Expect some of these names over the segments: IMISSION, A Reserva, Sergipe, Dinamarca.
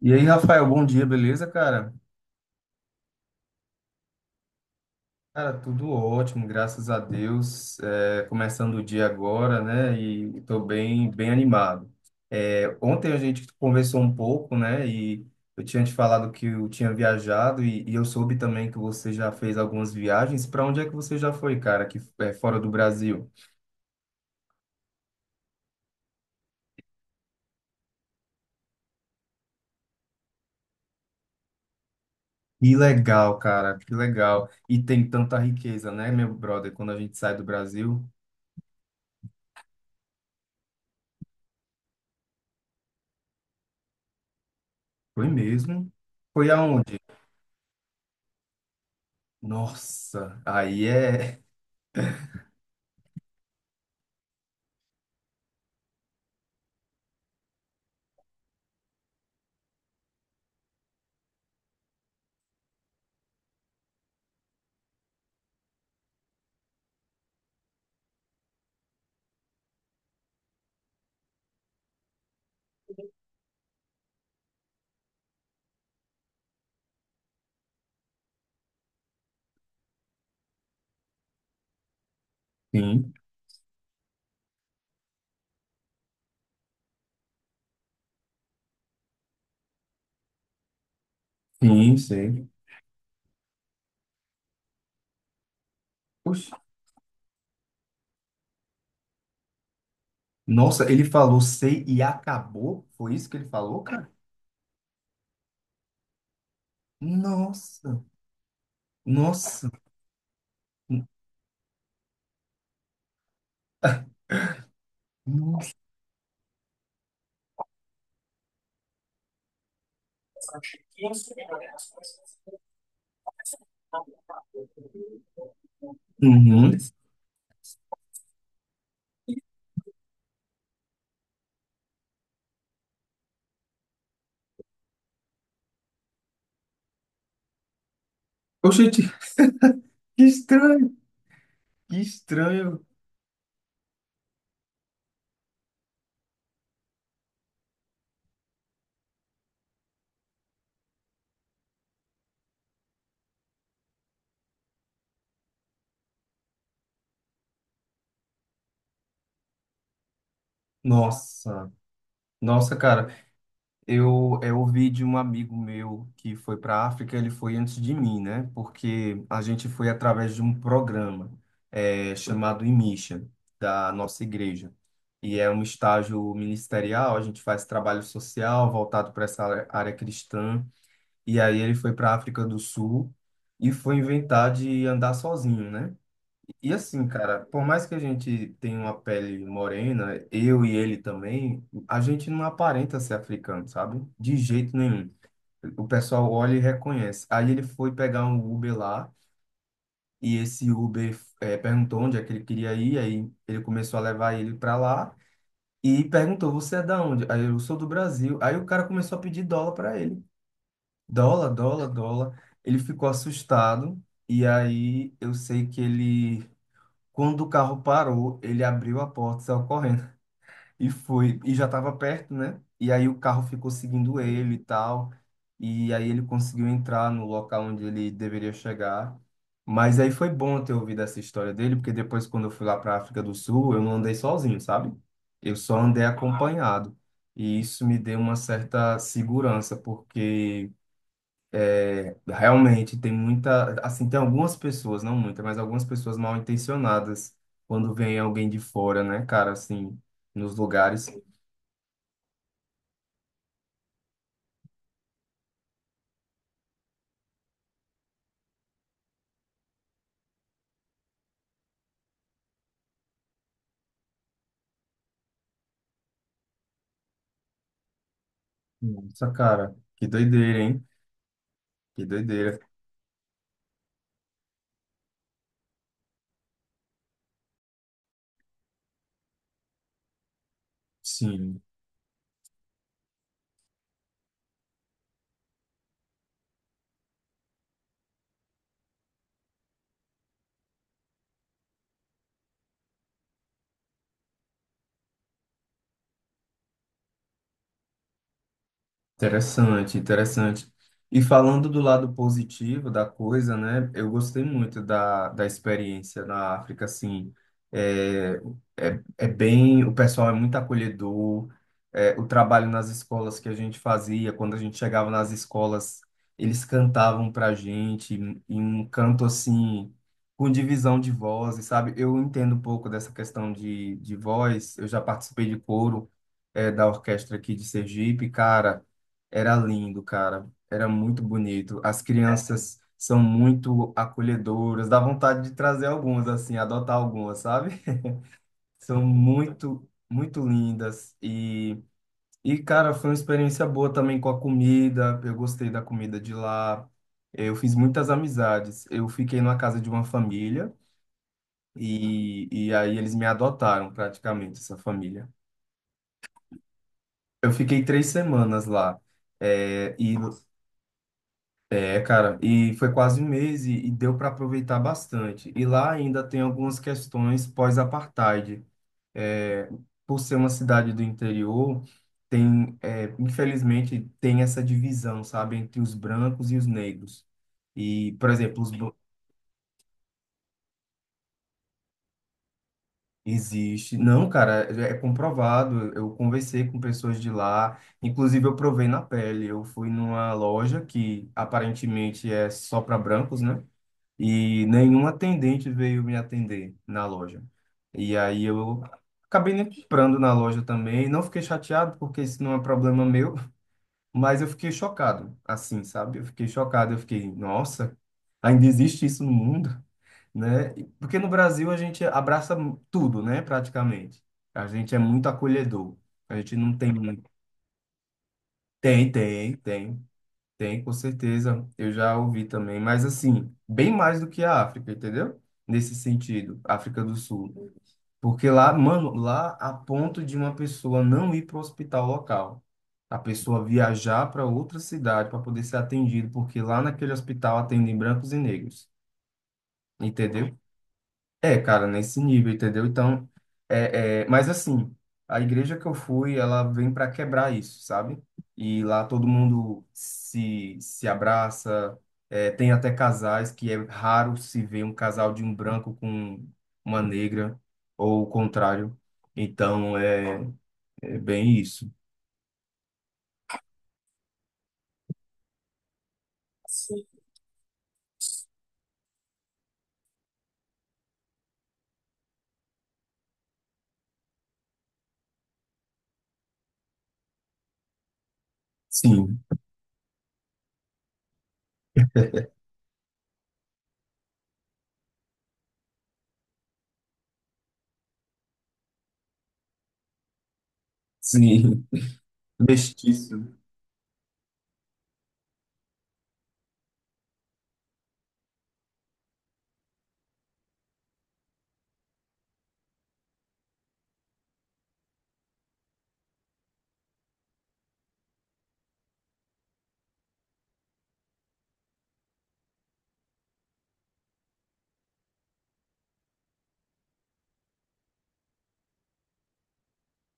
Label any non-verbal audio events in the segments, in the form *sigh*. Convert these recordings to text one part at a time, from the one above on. E aí, Rafael, bom dia, beleza, cara? Cara, tudo ótimo, graças a Deus. É, começando o dia agora, né? E estou bem, bem animado. É, ontem a gente conversou um pouco, né? E eu tinha te falado que eu tinha viajado e eu soube também que você já fez algumas viagens. Para onde é que você já foi, cara? Que é fora do Brasil? Que legal, cara, que legal. E tem tanta riqueza, né, meu brother? Quando a gente sai do Brasil, foi mesmo. Foi aonde? Nossa, aí é. Sim, sim, sim. Oxe. Nossa, ele falou sei e acabou? Foi isso que ele falou, cara? Nossa, nossa. Nossa. Uhum. Oxente, que estranho, que estranho. Nossa, nossa, cara. Eu ouvi de um amigo meu que foi para a África, ele foi antes de mim, né? Porque a gente foi através de um programa chamado IMISSION, da nossa igreja. E é um estágio ministerial, a gente faz trabalho social voltado para essa área cristã. E aí ele foi para a África do Sul e foi inventar de andar sozinho, né? E assim, cara, por mais que a gente tenha uma pele morena, eu e ele também, a gente não aparenta ser africano, sabe? De jeito nenhum. O pessoal olha e reconhece. Aí ele foi pegar um Uber lá e esse Uber perguntou onde é que ele queria ir, aí ele começou a levar ele para lá e perguntou: "Você é da onde?" Aí eu sou do Brasil. Aí o cara começou a pedir dólar para ele. Dólar, dólar, dólar. Ele ficou assustado. E aí eu sei que ele, quando o carro parou, ele abriu a porta, saiu correndo e foi. E já estava perto, né? E aí o carro ficou seguindo ele e tal. E aí ele conseguiu entrar no local onde ele deveria chegar. Mas aí foi bom ter ouvido essa história dele, porque depois, quando eu fui lá para a África do Sul, eu não andei sozinho, sabe? Eu só andei acompanhado. E isso me deu uma certa segurança, porque. Realmente, tem muita, assim, tem algumas pessoas, não muita, mas algumas pessoas mal intencionadas quando vem alguém de fora, né, cara, assim, nos lugares. Nossa, cara, que doideira, hein? Que doideira. Sim. Interessante, interessante. E falando do lado positivo da coisa, né? Eu gostei muito da experiência na África, assim. É, é bem, o pessoal é muito acolhedor. É, o trabalho nas escolas que a gente fazia, quando a gente chegava nas escolas, eles cantavam pra gente em um canto assim, com divisão de vozes, sabe? Eu entendo um pouco dessa questão de voz. Eu já participei de coro, é, da orquestra aqui de Sergipe, cara. Era lindo, cara. Era muito bonito. As crianças são muito acolhedoras. Dá vontade de trazer algumas, assim, adotar algumas, sabe? *laughs* São muito, muito lindas. E, cara, foi uma experiência boa também com a comida. Eu gostei da comida de lá. Eu fiz muitas amizades. Eu fiquei numa casa de uma família e aí eles me adotaram praticamente, essa família. Eu fiquei 3 semanas lá. É, e É, cara, e foi quase um mês e deu para aproveitar bastante. E lá ainda tem algumas questões pós-apartheid. É, por ser uma cidade do interior, tem, é, infelizmente, tem essa divisão, sabe, entre os brancos e os negros. E, por exemplo, os br- Existe. Não, cara, é comprovado. Eu conversei com pessoas de lá, inclusive eu provei na pele. Eu fui numa loja que aparentemente é só para brancos, né? E nenhum atendente veio me atender na loja. E aí eu acabei nem comprando na loja também. Não fiquei chateado, porque isso não é problema meu, *laughs* mas eu fiquei chocado, assim, sabe? Eu fiquei chocado, eu fiquei, nossa, ainda existe isso no mundo, né? Porque no Brasil a gente abraça tudo, né, praticamente. A gente é muito acolhedor. A gente não tem. Tem, tem, tem. Tem, com certeza. Eu já ouvi também, mas assim, bem mais do que a África, entendeu? Nesse sentido, África do Sul. Porque lá, mano, lá a ponto de uma pessoa não ir para o hospital local. A pessoa viajar para outra cidade para poder ser atendido, porque lá naquele hospital atendem brancos e negros, entendeu? É, cara, nesse nível, entendeu? Então, é, mas assim, a igreja que eu fui, ela vem para quebrar isso, sabe? E lá todo mundo se abraça, é, tem até casais que é raro se ver um casal de um branco com uma negra, ou o contrário. Então, é bem isso. Sim, sim. *laughs* Mestiço.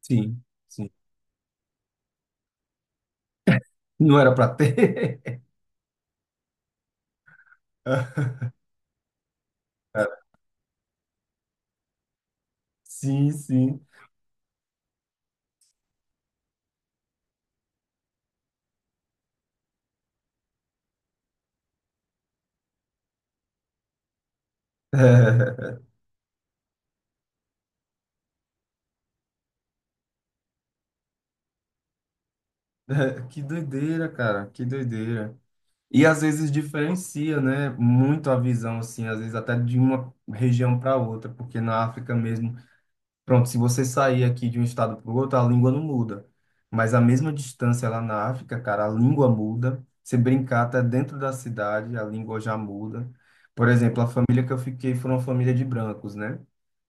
Sim, sim. Não era para ter. *laughs* Sim, sim. *laughs* *laughs* Que doideira, cara, que doideira. E às vezes diferencia, né, muito a visão, assim, às vezes até de uma região para outra, porque na África mesmo, pronto, se você sair aqui de um estado para o outro, a língua não muda. Mas a mesma distância lá na África, cara, a língua muda. Se brincar até dentro da cidade, a língua já muda. Por exemplo, a família que eu fiquei foi uma família de brancos, né?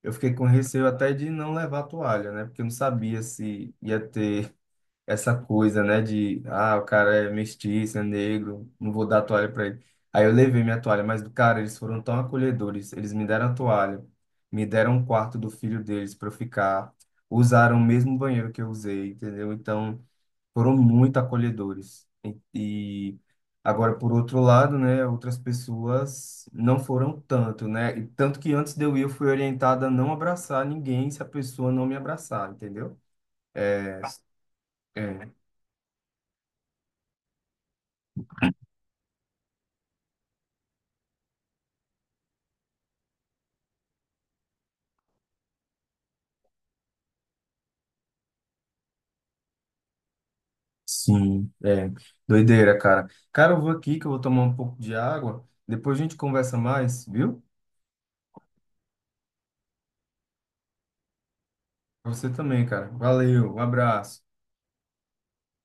Eu fiquei com receio até de não levar toalha, né? Porque eu não sabia se ia ter essa coisa, né, de, ah, o cara é mestiço, é negro, não vou dar toalha para ele. Aí eu levei minha toalha, mas, cara, eles foram tão acolhedores, eles me deram a toalha, me deram um quarto do filho deles para eu ficar, usaram o mesmo banheiro que eu usei, entendeu? Então, foram muito acolhedores. E agora, por outro lado, né, outras pessoas não foram tanto, né? E tanto que antes de eu ir, eu fui orientada a não abraçar ninguém se a pessoa não me abraçar, entendeu? É. É. Sim, é. Doideira, cara. Cara, eu vou aqui que eu vou tomar um pouco de água. Depois a gente conversa mais, viu? Pra você também, cara. Valeu, um abraço.